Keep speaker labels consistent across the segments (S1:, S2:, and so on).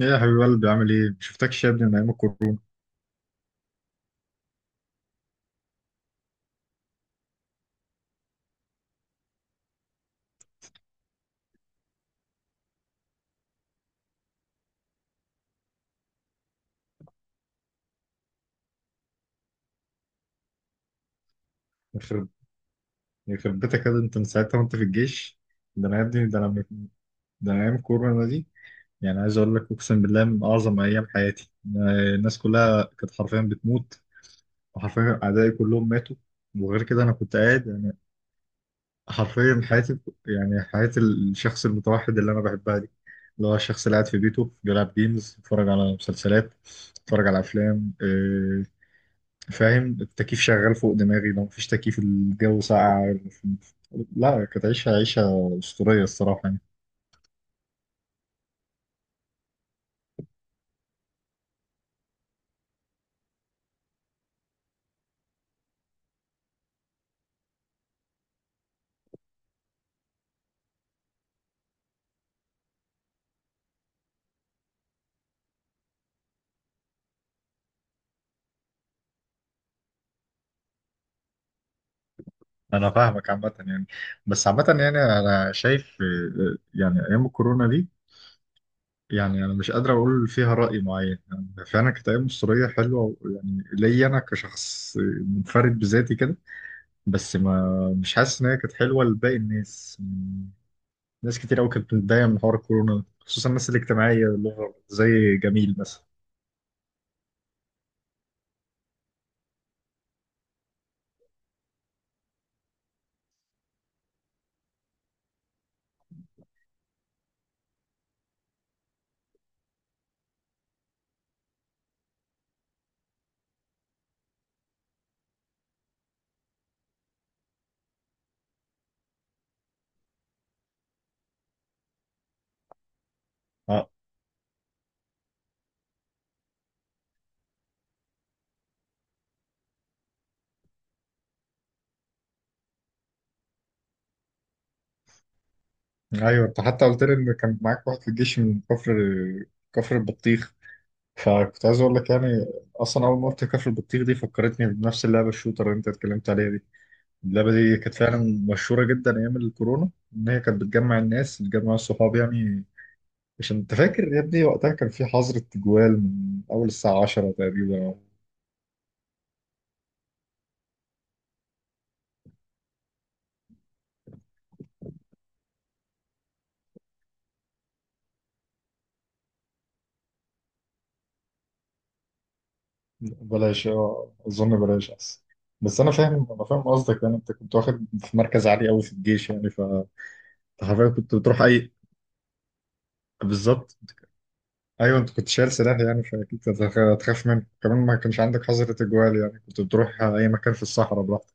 S1: ايه يا حبيب قلبي عامل ايه؟ مشفتكش يا ابني من ايام الكورونا. يخرب يخرب بيتك يا ابني، انت من ساعتها وانت في الجيش. ده انا يا ابني ده انا ايام الكورونا دي. يعني عايز اقول لك اقسم بالله من اعظم ايام حياتي الناس كلها كانت حرفيا بتموت. وحرفيا اعدائي كلهم ماتوا. وغير كده انا كنت قاعد يعني حرفيا حياتي. يعني حياة الشخص المتوحد اللي انا بحبها دي، اللي هو الشخص اللي قاعد في بيته بيلعب جيمز، بيتفرج على مسلسلات، بيتفرج على افلام، فاهم. التكييف شغال فوق دماغي، لو مفيش تكييف الجو ساقع. لا، كانت عيشة عيشة أسطورية الصراحة يعني. أنا فاهمك عامة يعني، بس عامة يعني أنا شايف، يعني أيام الكورونا دي، يعني أنا مش قادر أقول فيها رأي معين، يعني فعلا كانت أيام أسطورية حلوة يعني ليا أنا كشخص منفرد بذاتي كده. بس ما مش حاسس إن هي كانت حلوة لباقي الناس يعني. ناس كتير أوي كانت بتتضايق من حوار الكورونا، خصوصا الناس الاجتماعية اللي هو زي جميل مثلا. آه. ايوه، انت حتى قلت لي ان كان معاك واحد في الجيش من كفر البطيخ. فكنت عايز اقول لك يعني، اصلا اول ما قلت كفر البطيخ دي فكرتني بنفس اللعبه الشوتر اللي انت اتكلمت عليها دي. اللعبه دي كانت فعلا مشهوره جدا ايام الكورونا، ان هي كانت بتجمع الناس، بتجمع الصحاب يعني. عشان انت فاكر يا ابني وقتها كان في حظر التجوال من اول الساعه 10 تقريبا. بلاش، اظن بلاش احسن. بس انا فاهم قصدك، يعني انت كنت واخد في مركز عالي قوي في الجيش يعني حرفيا كنت بتروح اي. بالظبط. ايوه، انت كنت شايل سلاح يعني فاكيد كنت هتخاف منه كمان، ما كانش عندك حظر تجوال يعني كنت بتروح اي مكان في الصحراء براحتك.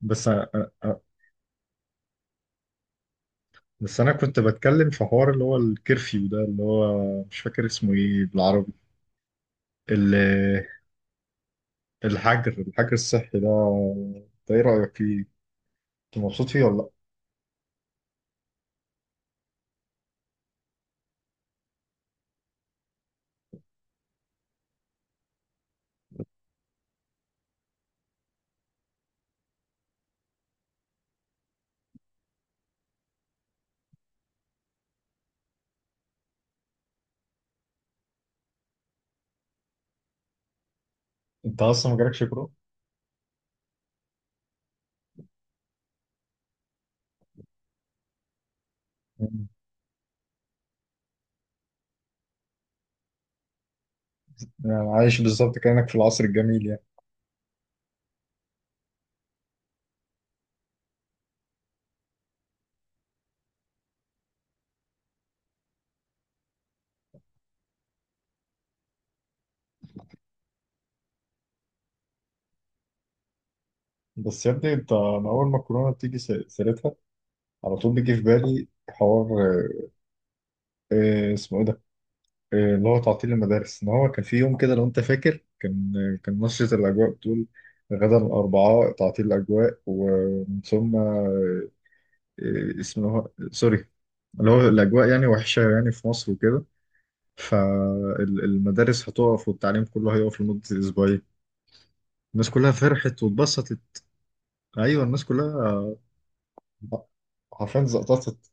S1: بس أ- أ- بس انا كنت بتكلم في حوار اللي هو الكرفيو ده، اللي هو مش فاكر اسمه ايه بالعربي، ال- الحجر الصحي ده. انت ايه رايك فيه؟ انت مبسوط فيه ولا لا؟ انت اصلا مجالك شكره. يعني عايش بالظبط كأنك في العصر الجميل يعني. بس يا ابني انت، انا اول ما الكورونا بتيجي سيرتها على طول بيجي في بالي حوار، اسمه ايه ده؟ اللي هو تعطيل المدارس. ان هو كان في يوم كده لو انت فاكر كان، كان نشرة الاجواء بتقول: غدا الاربعاء تعطيل الاجواء، ومن ثم اسمه، سوري، اللي هو الاجواء يعني وحشة يعني في مصر وكده. فالمدارس هتقف والتعليم كله هيقف لمدة اسبوعين. الناس كلها فرحت واتبسطت. ايوه، الناس كلها آه، حرفيا زقططت.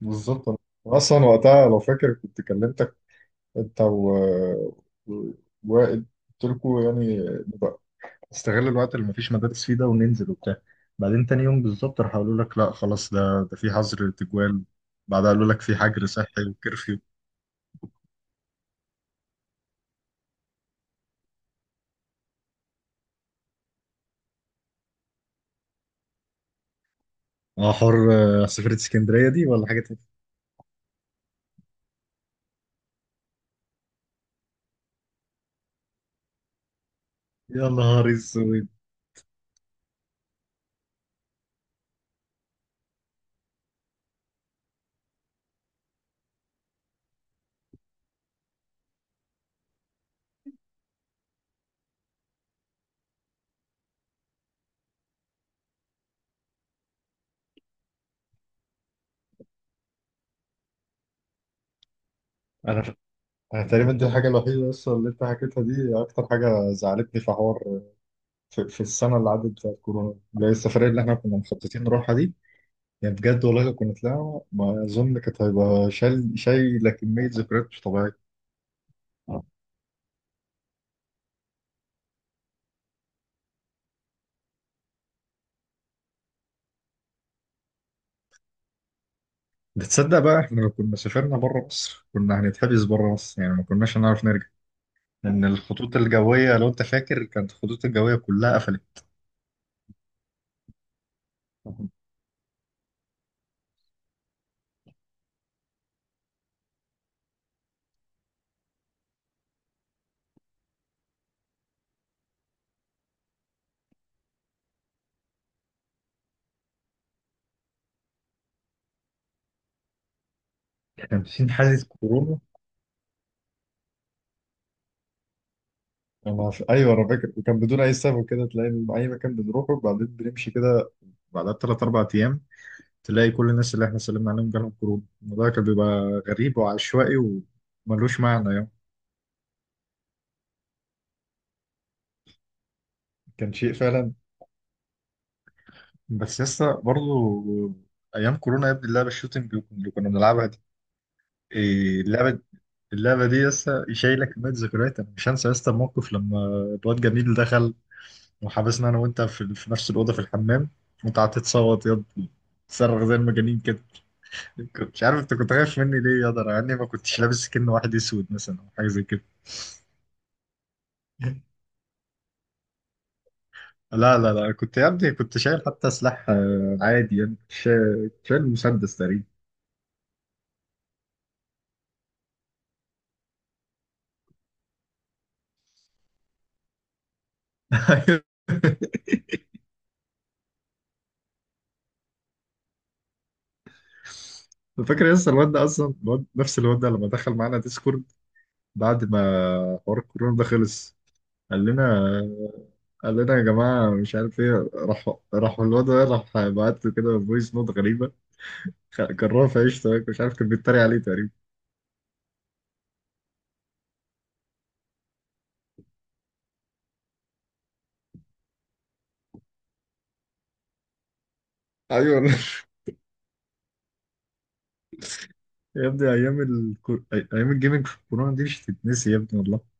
S1: بالظبط. أنا اصلا وقتها لو فاكر كنت كلمتك انت و- وائل، قلت لكم يعني نبقى نستغل الوقت اللي مفيش مدارس فيه ده وننزل وبتاع. بعدين تاني يوم بالظبط راح قالوا لك لا خلاص، ده في حظر تجوال، بعدها قالوا لك في حجر صحي وكرفيو. اه حر سفرة اسكندرية دي ولا حاجة تانية؟ يا نهار اسود. انا ف... انا تقريبا دي الحاجة الوحيدة بس اللي انت حكيتها دي، اكتر حاجة زعلتني في حوار، في السنة اللي عدت بتاعت كورونا، اللي هي السفرية اللي احنا كنا مخططين نروحها دي. يعني بجد والله لو كنا طلعنا ما اظن كانت هيبقى شايله كميه ذكريات مش طبيعيه. بتصدق بقى احنا لو كنا سافرنا بره مصر كنا هنتحبس بره مصر، يعني ما كناش هنعرف نرجع، لان الخطوط الجويه لو انت فاكر كانت الخطوط الجويه كلها قفلت. كان في حادث كورونا. ايوه انا فاكر، وكان بدون اي سبب كده تلاقي إن اي مكان بنروحه وبعدين بنمشي كده، بعدها بثلاث اربع ايام تلاقي كل الناس اللي احنا سلمنا عليهم جالهم كورونا، الموضوع كان بيبقى غريب وعشوائي وملوش معنى يعني. كان شيء فعلا، بس لسه برضو ايام كورونا يا ابني اللعبه الشوتنج اللي كنا بنلعبها دي، إيه اللعبه. اللعبه دي لسه شايله كميه ذكريات، انا مش هنسى لسه الموقف لما الواد جميل دخل وحبسنا انا وانت في نفس الاوضه في الحمام. وانت قعدت تصوت يا ابني، تصرخ زي المجانين كده، كنت مش عارف انت كنت خايف مني ليه يا ده، انا يعني ما كنتش لابس كأن واحد اسود مثلا او حاجه زي كده. لا لا لا، كنت يا ابني كنت شايل حتى سلاح، عادي يعني، كنت شايل مسدس تقريبا. فاكر لسه الواد ده، اصلا الواد نفس الواد ده لما دخل معانا ديسكورد بعد ما حوار الكورونا ده خلص، قال لنا قال لنا يا جماعه مش عارف ايه، راح الواد ده راح بعت له كده فويس نوت غريبه، كرهه في عيشته مش عارف، كان بيتريق عليه تقريبا. ايوه. يا ابني ايام الجيمنج في الكورونا دي مش هتتنسي يا ابني والله.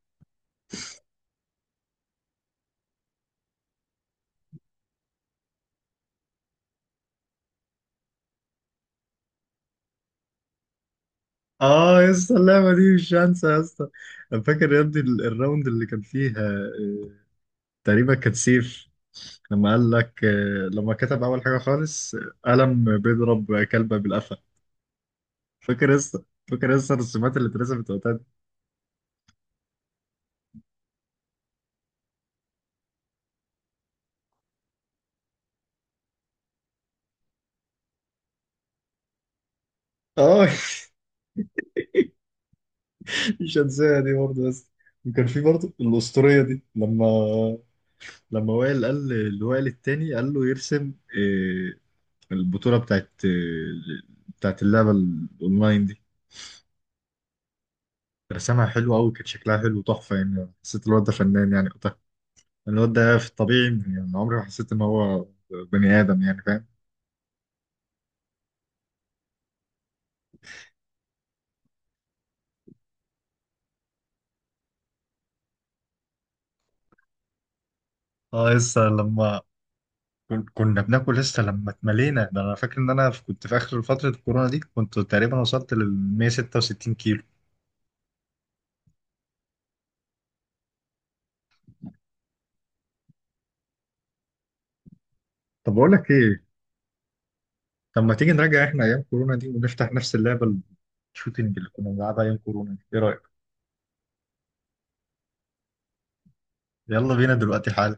S1: اه يا اسطى، اللعبه دي مش هنسى يا اسطى. أنا فاكر يا ابني الراوند اللي كان فيها، تقريبا كانت سيف، لما قال لك، لما كتب اول حاجه خالص، قلم بيضرب كلبه بالقفا. فاكر لسه فاكر لسه الرسومات اللي اترسمت وقتها دي؟ اه. مش هنساها دي برضه بس. وكان في برضه الأسطورية دي، لما وائل قال اللي وائل التاني قال له يرسم، البطوله بتاعت اللعبه الاونلاين دي. رسمها حلو قوي، كانت شكلها حلو تحفه يعني، حسيت الواد ده فنان يعني وقتها، الواد ده في الطبيعي يعني عمري ما حسيت ان هو بني ادم يعني، فاهم. اه لسه لما كنا بناكل، لسه لما اتملينا ده، انا فاكر ان انا كنت في اخر فترة الكورونا دي كنت تقريبا وصلت لل 166 كيلو. طب بقول لك ايه، طب ما تيجي نراجع احنا ايام كورونا دي ونفتح نفس اللعبة الشوتينج اللي كنا بنلعبها ايام كورونا دي، ايه رأيك؟ يلا بينا دلوقتي حالا.